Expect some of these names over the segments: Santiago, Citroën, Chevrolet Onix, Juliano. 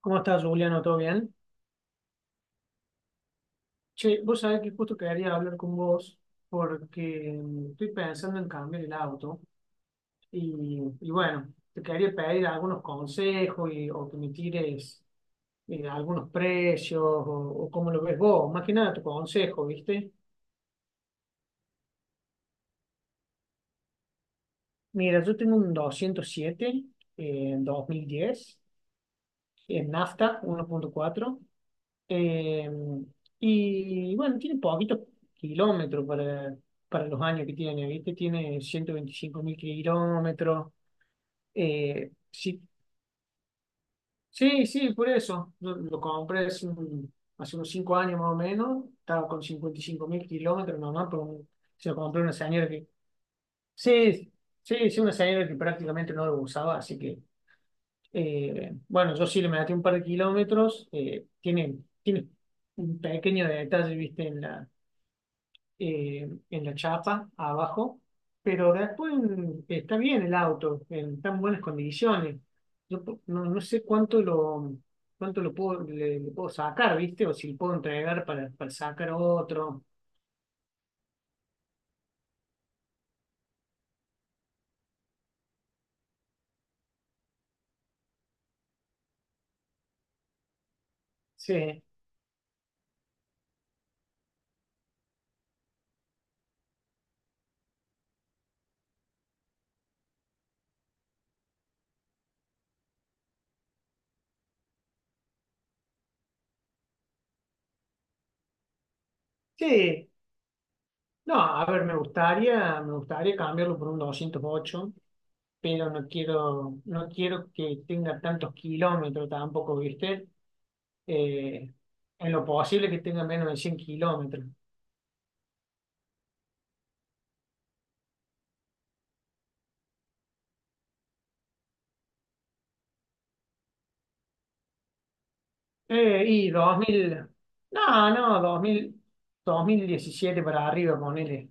¿Cómo estás, Juliano? ¿Todo bien? Che, vos sabés que justo quería hablar con vos porque estoy pensando en cambiar el auto y bueno, te quería pedir algunos consejos y, o que me tires algunos precios o cómo lo ves vos. Más que nada tu consejo, ¿viste? Mira, yo tengo un 207 en 2010. En nafta, 1.4. Eh, y bueno, tiene poquitos kilómetros para los años que tiene, ¿viste? Tiene 125.000 kilómetros. Sí, sí, sí, por eso. Yo lo compré hace, hace unos 5 años más o menos. Estaba con 55.000 kilómetros nomás, pero se lo compré a una señora que. Sí, sí, sí, una señora que prácticamente no lo usaba, así que bueno, yo sí le metí un par de kilómetros. Tiene un pequeño detalle, viste, en la chapa abajo, pero después está bien el auto, en tan buenas condiciones. No sé cuánto lo puedo, le puedo sacar, viste, o si lo puedo entregar para sacar otro. Sí, sí. No, a ver, me gustaría cambiarlo por un 208, pero no quiero que tenga tantos kilómetros tampoco, ¿viste? Eh, en lo posible que tenga menos de 100 kilómetros. Y 2000, no, no, 2000, 2017 para arriba, ponele.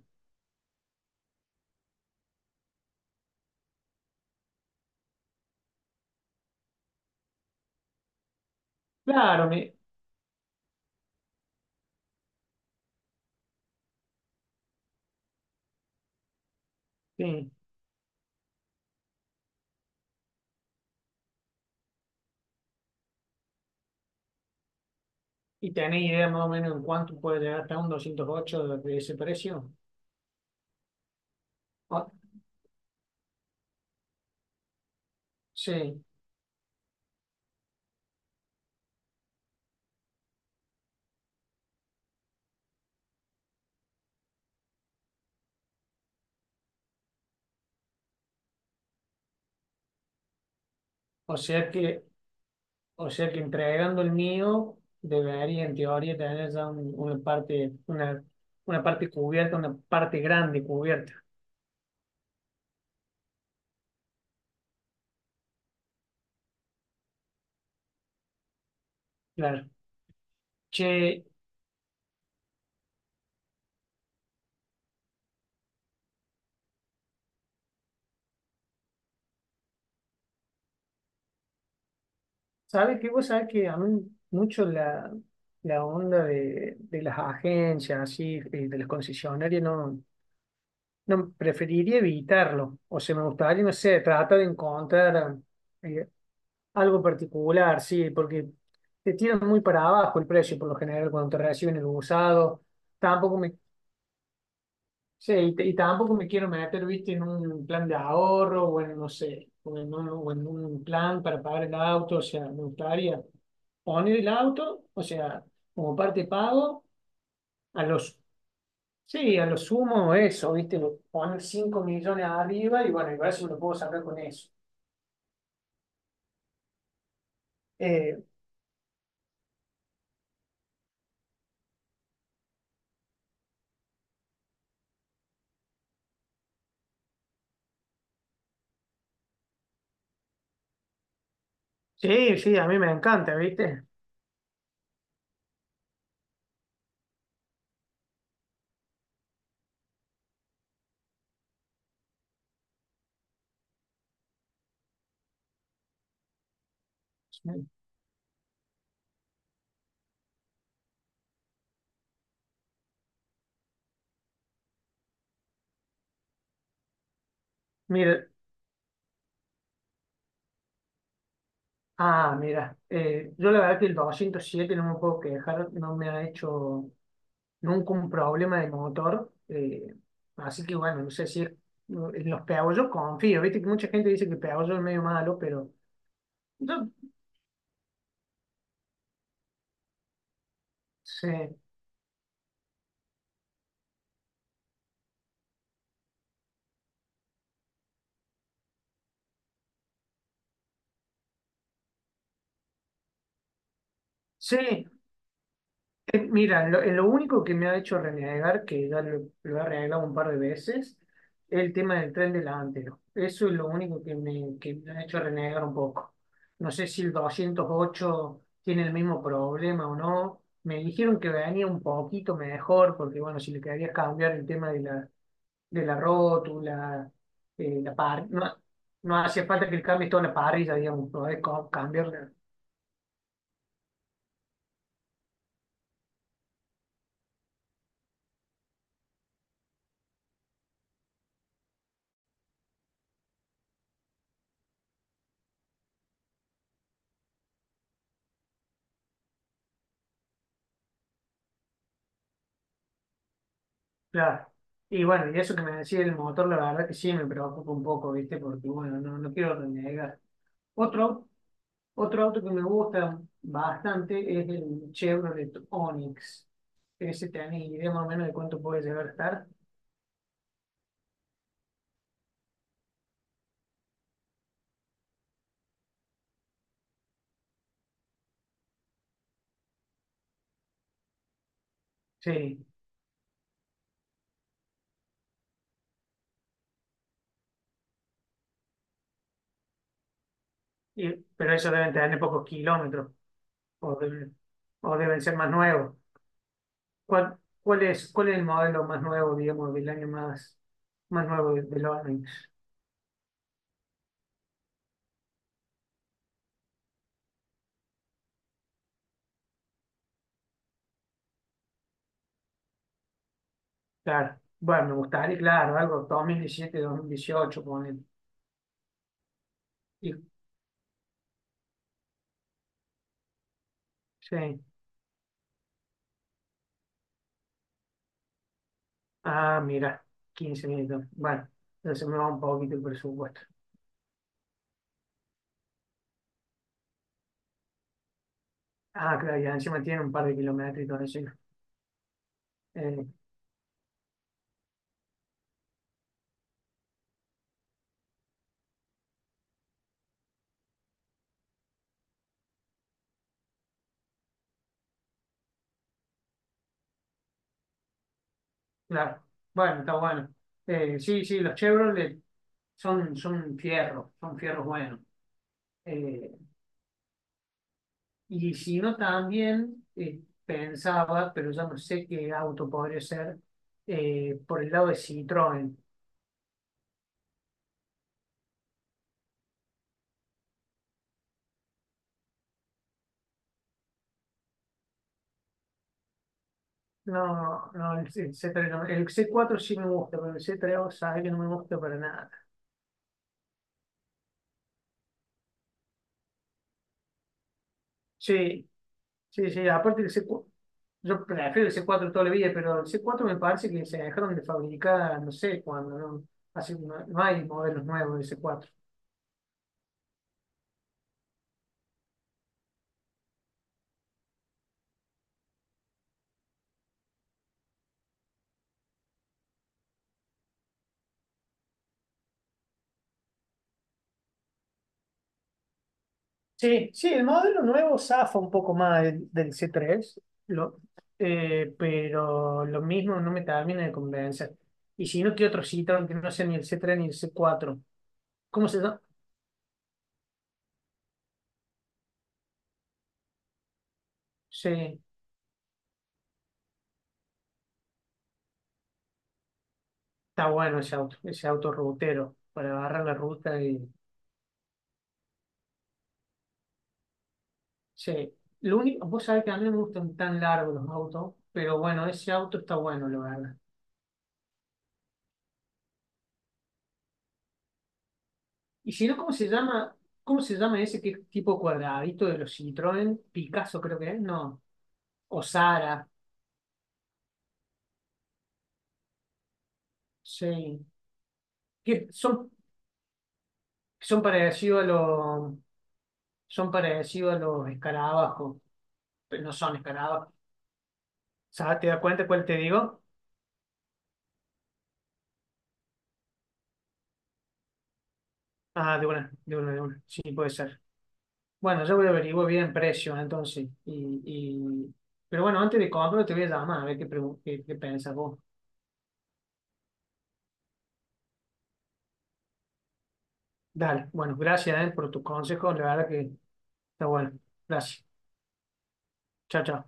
Claro, sí. ¿Y tenés idea más o menos en cuánto puede llegar hasta un 208 de ese precio? O- sí, o sea que O sea que entregando el mío, debería en teoría tener ya una parte cubierta, una parte grande cubierta. Claro. Che, ¿sabes qué? Vos sabés que a mí mucho la onda de las agencias, así, de las concesionarias, no. No, preferiría evitarlo. O sea, me gustaría, no sé, tratar de encontrar eh, algo particular, sí, porque te tiran muy para abajo el precio por lo general cuando te reciben el usado. Tampoco sí, y tampoco me quiero meter, viste, en un plan de ahorro o en, no sé, o en un plan para pagar el auto. O sea, me gustaría poner el auto, o sea, como parte de pago a los Sí, a lo sumo eso, ¿viste? Lo pones 5 millones arriba y bueno, igual eso lo puedo sacar con eso. Eh, sí, sí, a mí me encanta, ¿viste? Sí. Mira, mira, yo la verdad que el 207 no me puedo quejar, no me ha hecho nunca un problema de motor. Así que bueno, no sé si en los peabollos confío, ¿viste? Que mucha gente dice que el peabollo es medio malo, pero yo sí, sí. Mira, en lo único que me ha hecho renegar, que ya lo he renegado un par de veces, es el tema del tren delantero. Eso es lo único que me ha hecho renegar un poco. No sé si el 208 tiene el mismo problema o no. Me dijeron que venía un poquito mejor, porque bueno, si le querías cambiar el tema de la rótula, eh, la par, no, no hace falta que le cambies toda la parrilla, digamos, podés cambiar. Claro. Y bueno, y eso que me decía el motor, la verdad que sí me preocupa un poco, ¿viste? Porque bueno, no quiero renegar. Otro, otro auto que me gusta bastante es el Chevrolet Onix. Ese tenés idea más o menos de cuánto puede llegar a estar. Sí, pero eso deben tener pocos kilómetros o deben ser más nuevos. ¿Cuál es el modelo más nuevo, digamos, del año más nuevo del Onix? Claro. Bueno, me gustaría, claro, algo 2017, 2018, ponen. Y- Sí. Ah, mira, 15 minutos. Bueno, entonces me va un poquito el presupuesto. Ah, claro, y encima tiene un par de kilómetros y todo. Eh, claro. Bueno, está bueno. Sí, sí, los Chevrolet son fierros, son fierros buenos. Eh, y si no, también pensaba, pero ya no sé qué auto podría ser, por el lado de Citroën. No, no, el c tres no. El c cuatro sí me gusta, pero el C3 sabe que no me gusta para nada. Sí, sí, sí. Aparte el c cuatro yo prefiero el c cuatro toda la vida, pero el c cuatro me parece que se dejaron de fabricar, no sé cuándo, ¿no? Así, no hay modelos nuevos del c cuatro. Sí, sí, el modelo nuevo zafa un poco más del c tres, lo, pero lo mismo no me termina de convencer. Y si no, ¿qué otro Citroën que no sea ni el c tres ni el c cuatro? ¿Cómo se llama? Sí. Está bueno ese auto rutero para agarrar la ruta y sí. Lo único, vos sabés que a mí no me gustan tan largos los autos, pero bueno, ese auto está bueno, la verdad. Y si no, ¿cómo se llama? ¿Cómo se llama ese que es tipo cuadradito de los Citroën? Picasso creo que es, no. O Sara, sí. Que son parecidos a los escarabajos, pero no son escarabajos. O sea, ¿te das cuenta cuál te digo? Ah, de una, de una, de una. Sí, puede ser. Bueno, yo voy a averiguar bien precios entonces. Y... Pero bueno, antes de comprarlo te voy a llamar a ver qué pensás vos. Dale, bueno, gracias, por tus consejos. La verdad que está bueno. Gracias. Chao, chao.